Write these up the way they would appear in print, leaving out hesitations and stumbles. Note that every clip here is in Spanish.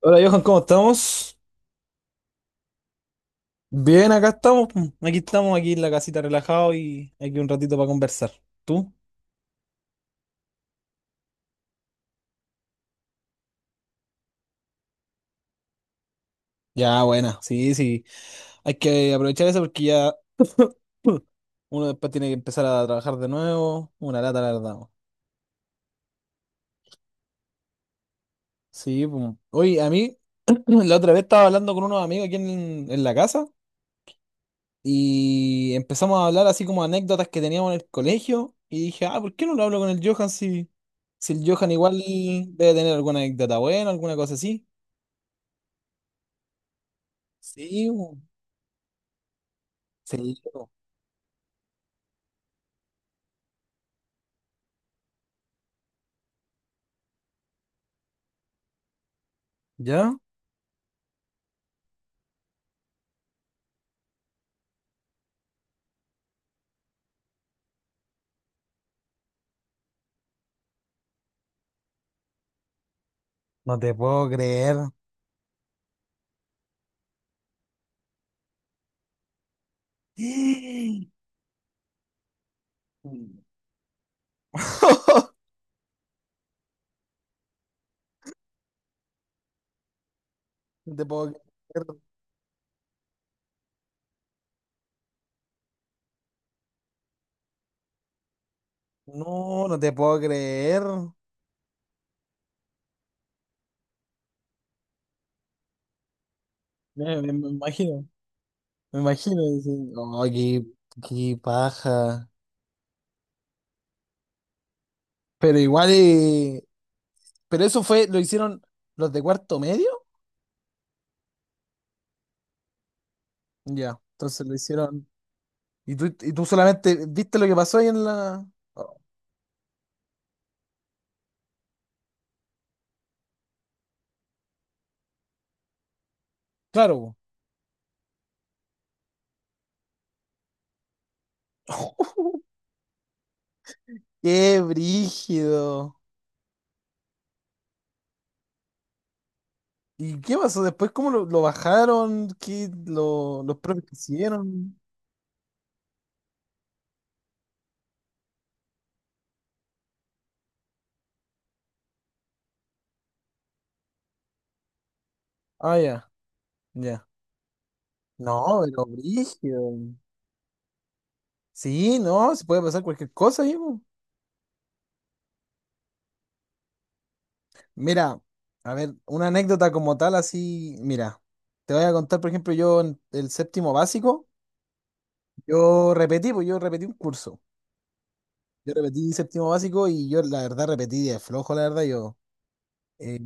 Hola Johan, ¿cómo estamos? Bien, acá estamos. Pum. Aquí estamos, aquí en la casita relajado y aquí un ratito para conversar. ¿Tú? Ya, buena, sí, sí. Hay que aprovechar eso porque ya uno después tiene que empezar a trabajar de nuevo. Una lata, la verdad, po. Sí, pum. Oye, a mí la otra vez estaba hablando con unos amigos aquí en la casa y empezamos a hablar así como anécdotas que teníamos en el colegio y dije, ah, ¿por qué no lo hablo con el Johan si, el Johan igual debe tener alguna anécdota buena, alguna cosa así? Sí, bo. Sí, bo. ¿Yo? No te puedo creer. No te puedo creer. No, no te puedo creer. Me imagino, me imagino. Dice, "Oh, qué paja." Pero igual, pero eso fue, lo hicieron los de cuarto medio. Ya, entonces lo hicieron. Y tú solamente viste lo que pasó ahí en la. Oh, claro, bo. Qué brígido. ¿Y qué pasó después? ¿Cómo lo bajaron? ¿Qué los profes que hicieron? Ah, ya, ya. No, pero brígido. Sí, no, se puede pasar cualquier cosa, hijo. Mira, a ver, una anécdota como tal, así, mira, te voy a contar, por ejemplo, yo en el séptimo básico, yo repetí, pues yo repetí un curso. Yo repetí séptimo básico y yo, la verdad, repetí de flojo, la verdad, yo. eh,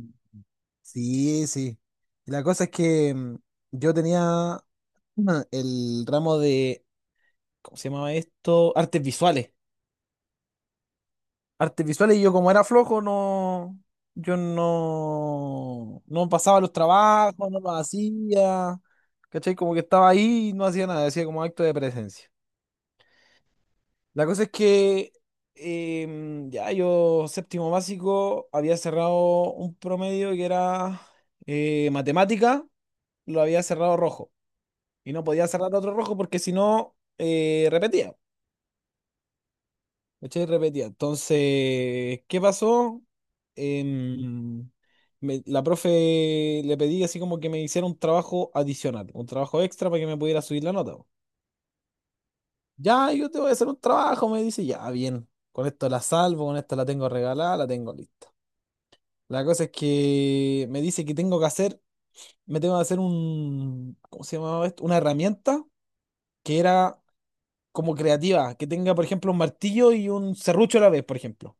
sí, sí. Y la cosa es que yo tenía el ramo de, ¿cómo se llamaba esto? Artes visuales. Artes visuales y yo como era flojo, no, yo no pasaba los trabajos, no los hacía, ¿cachai? Como que estaba ahí y no hacía nada, hacía como acto de presencia. La cosa es que ya yo séptimo básico había cerrado un promedio que era, matemática, lo había cerrado rojo y no podía cerrar otro rojo porque si no, repetía. ¿Cachai? Repetía. Entonces, ¿qué pasó? Em, la profe le pedí así como que me hiciera un trabajo adicional, un trabajo extra para que me pudiera subir la nota, po. Ya, yo te voy a hacer un trabajo, me dice, ya, bien, con esto la salvo, con esto la tengo regalada, la tengo lista. La cosa es que me dice que me tengo que hacer un, ¿cómo se llamaba esto? Una herramienta que era como creativa, que tenga, por ejemplo, un martillo y un serrucho a la vez, por ejemplo.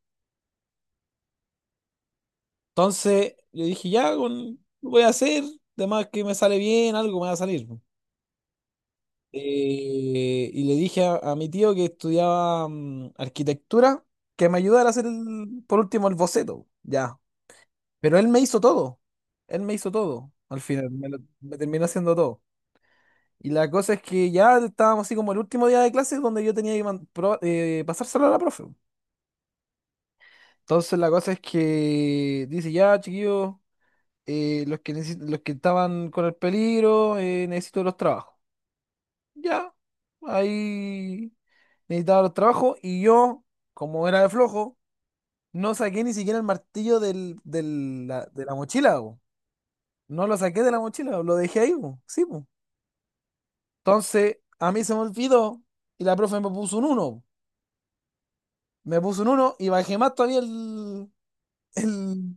Entonces, yo dije, ya, lo voy a hacer, además que me sale bien, algo me va a salir. Y le dije a mi tío que estudiaba arquitectura, que me ayudara a hacer por último el boceto, ya. Pero él me hizo todo, él me hizo todo, al final, me terminó haciendo todo. Y la cosa es que ya estábamos así como el último día de clases donde yo tenía que pasárselo a la profe. Entonces la cosa es que dice, ya, chiquillos. Los que estaban con el peligro, necesito los trabajos. Ya, ahí necesitaba los trabajos y yo, como era de flojo, no saqué ni siquiera el martillo de la mochila, po. No lo saqué de la mochila, lo dejé ahí, po. Sí, po. Entonces, a mí se me olvidó y la profe me puso un uno. Me puso un uno y bajé más todavía el.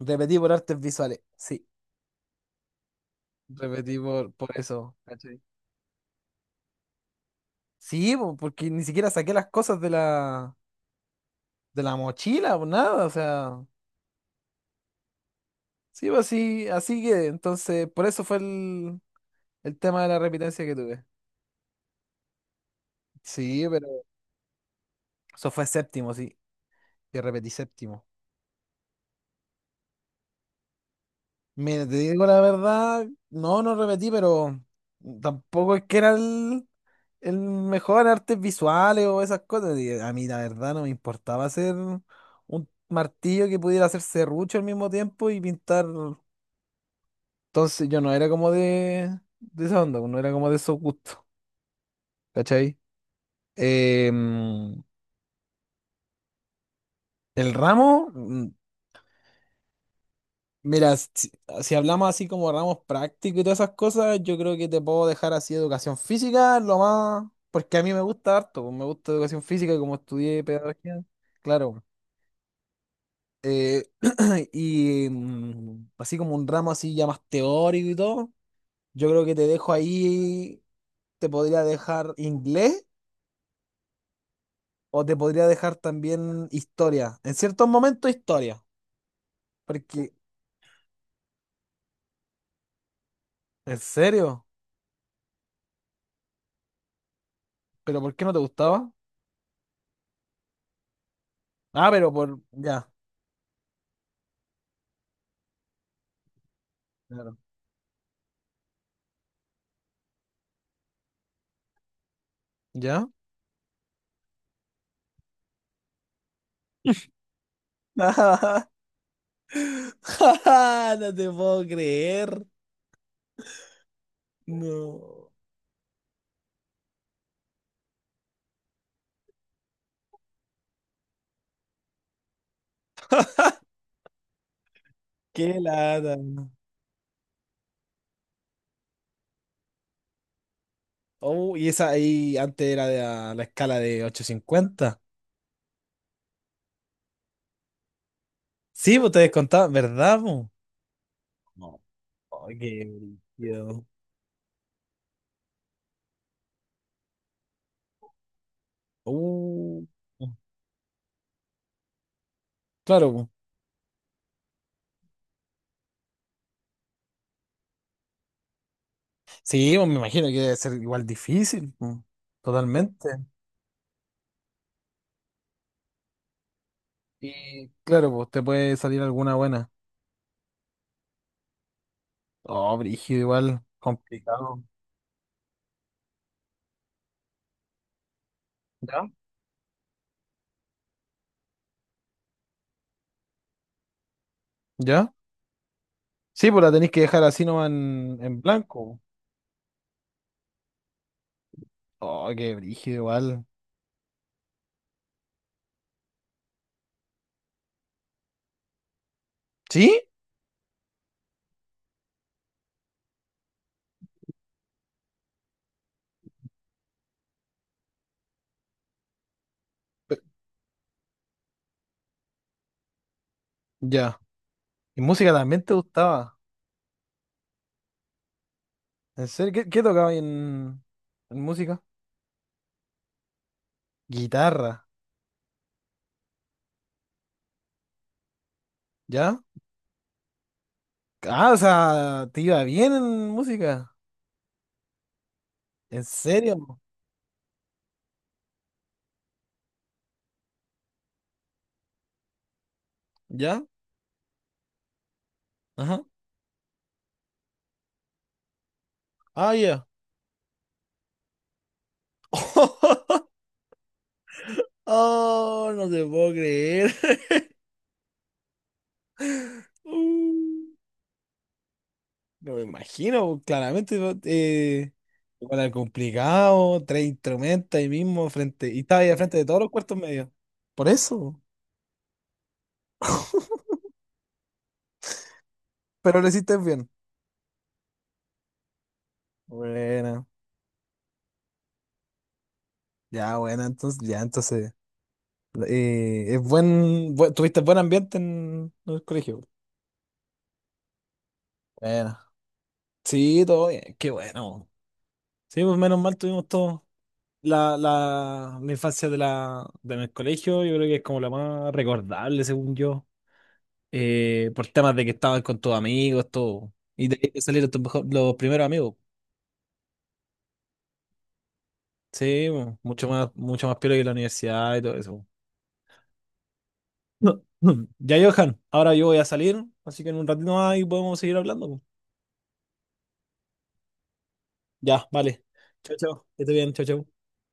Repetí por artes visuales, sí. Repetí por eso. Sí, po, porque ni siquiera saqué las cosas de la mochila o nada, o sea, sí, pues así que, entonces, por eso fue el tema de la repitencia que tuve. Sí, pero eso fue séptimo, sí, que repetí séptimo. Mira, te digo la verdad, no, no repetí, pero tampoco es que era el mejor en artes visuales o esas cosas. Y a mí la verdad no me importaba hacer un martillo que pudiera hacer serrucho al mismo tiempo y pintar. Entonces yo no era como de esa onda, no era como de esos gustos, ¿cachai? Em, el ramo, mira, si, hablamos así como ramos prácticos y todas esas cosas, yo creo que te puedo dejar así educación física, lo más, porque a mí me gusta harto, pues, me gusta educación física, como estudié pedagogía, claro. Eh, y así como un ramo así ya más teórico y todo, yo creo que te dejo ahí, te podría dejar inglés. O te podría dejar también historia. En ciertos momentos historia. Porque, ¿en serio? ¿Pero por qué no te gustaba? Ah, pero por. Ya. Claro. ¿Ya? No te puedo creer. No. Qué lata. Oh, y esa ahí antes era de la escala de 850. Sí, vos te descontabas, ¿verdad, po? No. Ay, qué brígido. Uh, claro, sí, pues me imagino que debe ser igual difícil, pues, totalmente. Y claro, pues te puede salir alguna buena. Oh, brígido, igual, complicado. ¿Ya? ¿Ya? Sí, pues la tenéis que dejar así nomás en blanco. Oh, qué brígido, igual. ¿Sí? Pe- Ya. ¿Y música también te gustaba? ¿En serio? ¿Qué tocaba en música? Guitarra. ¿Ya? Ah, o sea, te iba bien en música. ¿En serio? ¿Ya? Ajá. Ah, ya. Oh, no te puedo creer. Uh, No me imagino, claramente, ¿no? Igual era complicado, tres instrumentos ahí mismo, frente, y estaba ahí al frente de todos los cuartos medios. Por eso, pero lo hiciste bien. Bueno, ya, bueno, entonces, ya, entonces, tuviste buen ambiente en el colegio. Bueno, sí, todo bien, qué bueno. Sí, pues menos mal tuvimos todo. La infancia de mi colegio, yo creo que es como la más recordable, según yo, por temas de que estabas con tus amigos, todo. Y de ahí te salieron los primeros amigos. Sí, bueno, mucho más piola que la universidad y todo eso. No, no. Ya, Johan, ahora yo voy a salir, así que en un ratito más ahí podemos seguir hablando. Ya, vale. Chao, chao. Que estés bien, chao, chao.